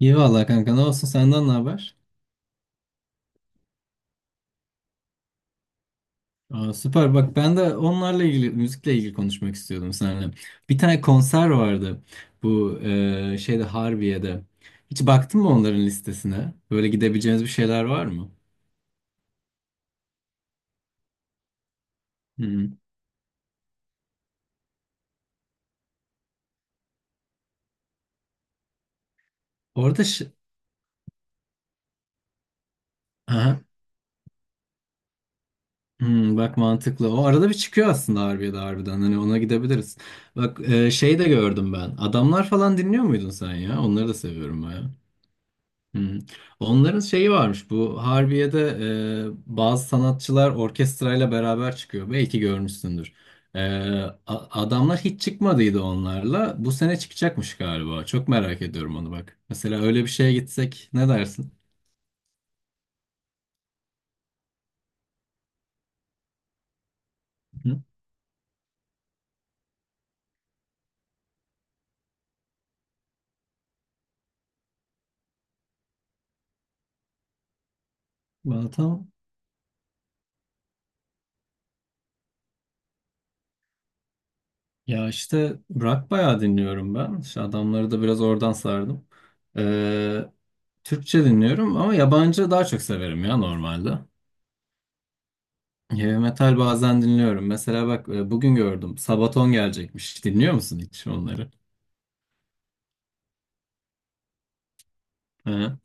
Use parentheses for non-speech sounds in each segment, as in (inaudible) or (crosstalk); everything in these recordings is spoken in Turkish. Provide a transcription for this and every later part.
İyi valla kanka ne olsun senden ne haber? Süper bak ben de onlarla ilgili müzikle ilgili konuşmak istiyordum seninle. Bir tane konser vardı bu Harbiye'de. Hiç baktın mı onların listesine? Böyle gidebileceğiniz bir şeyler var mı? Hmm. Orada ş- Aha. Hmm, bak mantıklı. O arada bir çıkıyor aslında Harbiye'de harbiden. Hani ona gidebiliriz. Bak şey de gördüm ben. Adamlar falan dinliyor muydun sen ya? Onları da seviyorum. Hı hı. Onların şeyi varmış bu Harbiye'de, bazı sanatçılar orkestrayla beraber çıkıyor. Belki görmüşsündür. E, adamlar hiç çıkmadıydı onlarla. Bu sene çıkacakmış galiba. Çok merak ediyorum onu bak. Mesela öyle bir şeye gitsek ne dersin? Hı? Bana tam ya işte rock bayağı dinliyorum ben. İşte adamları da biraz oradan sardım. E, Türkçe dinliyorum ama yabancı daha çok severim ya normalde. Heavy metal bazen dinliyorum. Mesela bak bugün gördüm. Sabaton gelecekmiş. Dinliyor musun hiç onları? Hı.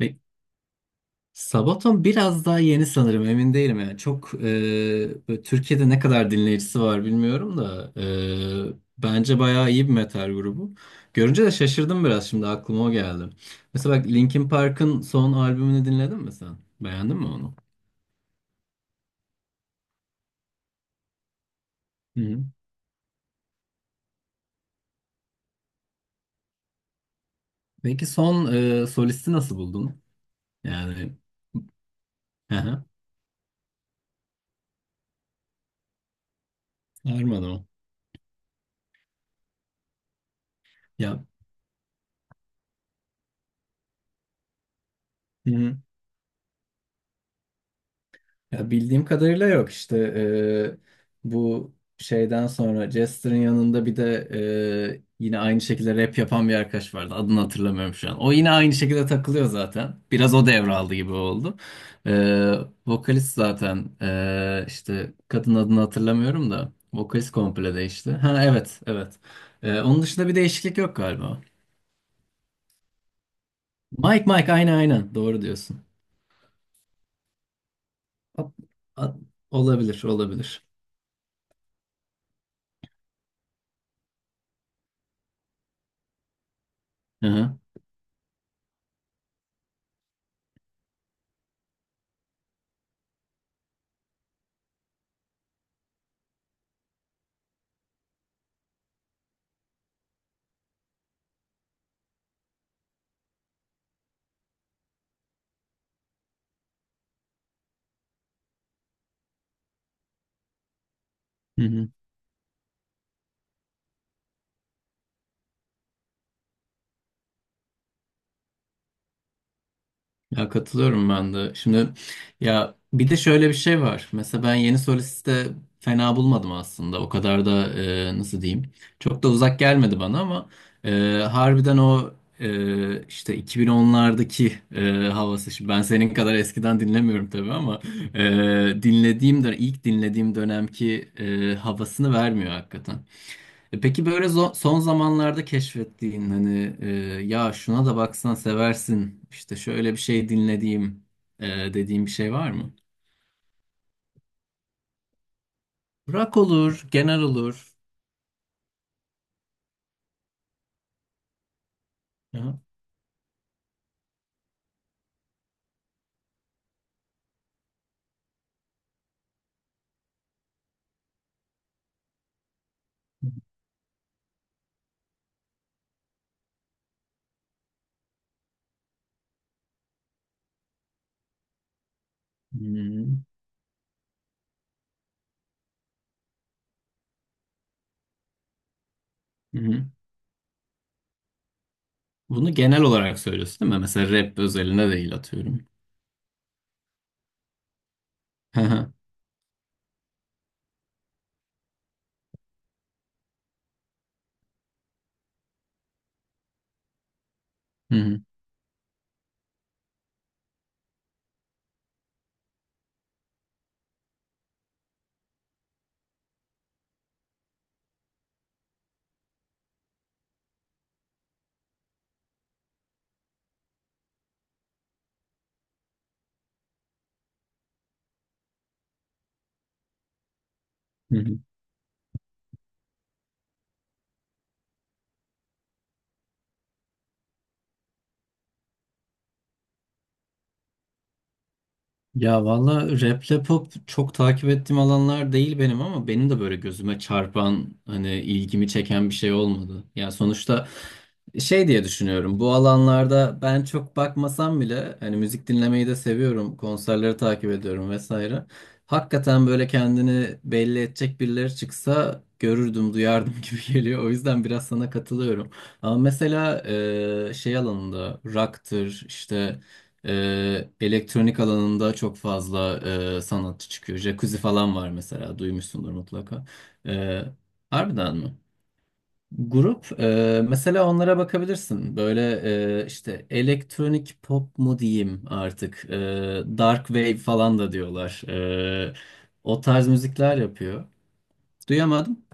Ve Sabaton biraz daha yeni sanırım. Emin değilim yani. Böyle Türkiye'de ne kadar dinleyicisi var bilmiyorum da bence bayağı iyi bir metal grubu. Görünce de şaşırdım biraz, şimdi aklıma o geldi. Mesela bak Linkin Park'ın son albümünü dinledin mi sen? Beğendin mi onu? Hı hı. Peki son solisti nasıl buldun? Yani hı hı. Sarmadı mı? Ya. Hı. Ya bildiğim kadarıyla yok işte, bu şeyden sonra Jester'ın yanında bir de yine aynı şekilde rap yapan bir arkadaş vardı. Adını hatırlamıyorum şu an. O yine aynı şekilde takılıyor zaten. Biraz o devraldı gibi oldu. Eee, vokalist zaten işte kadın adını hatırlamıyorum da vokalist komple değişti. Ha evet evet. Onun dışında bir değişiklik yok galiba. Mike, aynen aynen doğru diyorsun. At- at- olabilir olabilir. Hı hı. Hı hı. Ya katılıyorum ben de. Şimdi ya bir de şöyle bir şey var. Mesela ben yeni solisti de fena bulmadım aslında. O kadar da nasıl diyeyim? Çok da uzak gelmedi bana ama e, harbiden o, işte 2010'lardaki havası. Şimdi ben senin kadar eskiden dinlemiyorum tabii ama e, ilk dinlediğim dönemki havasını vermiyor hakikaten. Peki böyle son zamanlarda keşfettiğin hani, ya şuna da baksan seversin işte, şöyle bir şey dinlediğim e, dediğim bir şey var mı? Rock olur, genel olur. Ya. Hmm. Hı hı. Bunu genel olarak söylüyorsun değil mi? Mesela rap özelinde değil atıyorum. (laughs) Hı hı. Hı hı. Ya valla raple pop çok takip ettiğim alanlar değil benim, ama benim de böyle gözüme çarpan hani ilgimi çeken bir şey olmadı. Ya sonuçta şey diye düşünüyorum, bu alanlarda ben çok bakmasam bile hani müzik dinlemeyi de seviyorum, konserleri takip ediyorum vesaire. Hakikaten böyle kendini belli edecek birileri çıksa görürdüm duyardım (laughs) gibi geliyor, o yüzden biraz sana katılıyorum. Ama mesela şey alanında rock'tır işte, elektronik alanında çok fazla sanatçı çıkıyor. Jacuzzi falan var mesela, duymuşsundur mutlaka. Ee, harbiden mi? Grup, mesela onlara bakabilirsin. Böyle işte elektronik pop mu diyeyim artık. Dark wave falan da diyorlar. O tarz müzikler yapıyor. Duyamadım.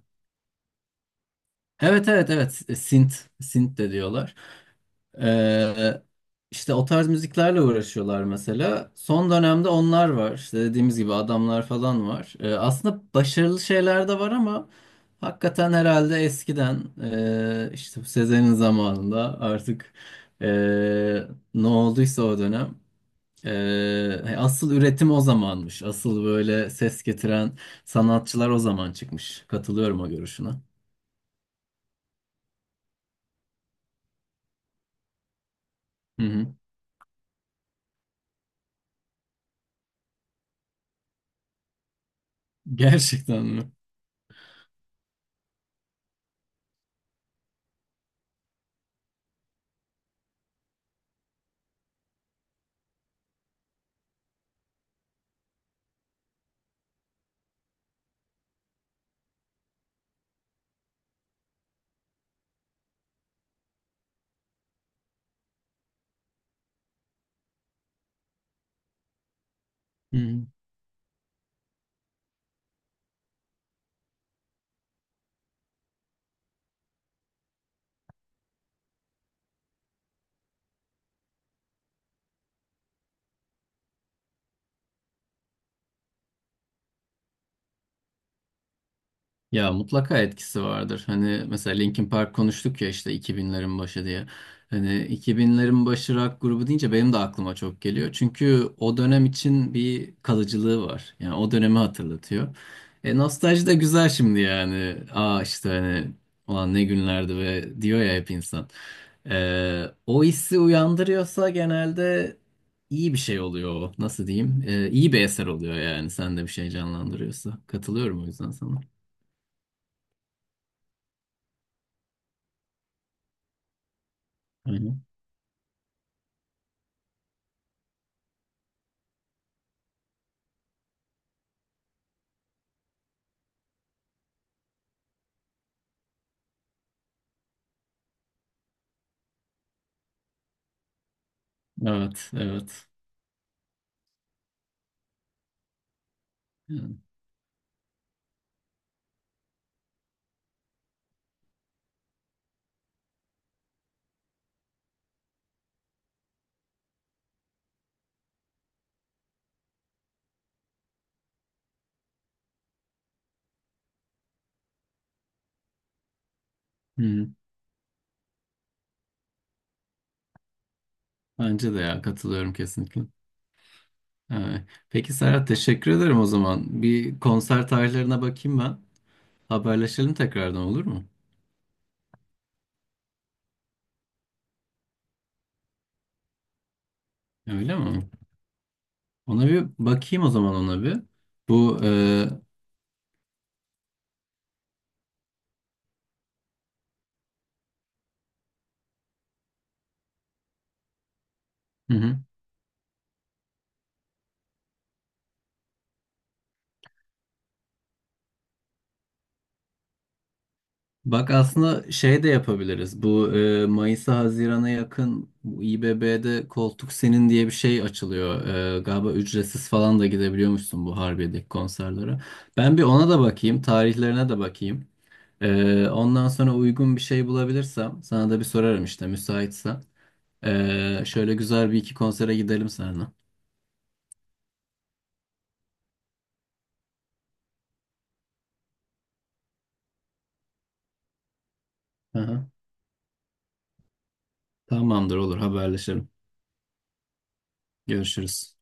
Evet evet evet. Synth, synth, de diyorlar. Ee, işte o tarz müziklerle uğraşıyorlar mesela. Son dönemde onlar var. İşte dediğimiz gibi adamlar falan var. Aslında başarılı şeyler de var ama hakikaten herhalde eskiden işte bu Sezen'in zamanında artık, ee, ne olduysa o dönem asıl üretim o zamanmış. Asıl böyle ses getiren sanatçılar o zaman çıkmış. Katılıyorum o görüşüne. Hı hı. Gerçekten mi? Hı. Ya mutlaka etkisi vardır. Hani mesela Linkin Park konuştuk ya, işte 2000'lerin başı diye. Hani 2000'lerin başı rock grubu deyince benim de aklıma çok geliyor. Çünkü o dönem için bir kalıcılığı var. Yani o dönemi hatırlatıyor. Nostalji de güzel şimdi yani. Aa işte hani ulan ne günlerdi ve diyor ya hep insan. O hissi uyandırıyorsa genelde iyi bir şey oluyor o. Nasıl diyeyim? İyi bir eser oluyor yani. Sen de bir şey canlandırıyorsa. Katılıyorum o yüzden sana. Evet, evet. Yani, hı, bence de ya katılıyorum kesinlikle. Ee, peki Serhat, teşekkür ederim o zaman. Bir konser tarihlerine bakayım ben. Haberleşelim tekrardan, olur mu? Öyle mi? Ona bir bakayım o zaman, ona bir. Bu e, hı hı. Bak, aslında şey de yapabiliriz. Bu Mayıs'a Haziran'a yakın bu İBB'de koltuk senin diye bir şey açılıyor. Galiba ücretsiz falan da gidebiliyormuşsun bu Harbiye'deki konserlere. Ben bir ona da bakayım, tarihlerine de bakayım. Ondan sonra uygun bir şey bulabilirsem sana da bir sorarım işte, müsaitsen. Şöyle güzel bir iki konsere gidelim seninle. Aha, tamamdır olur, haberleşelim. Görüşürüz.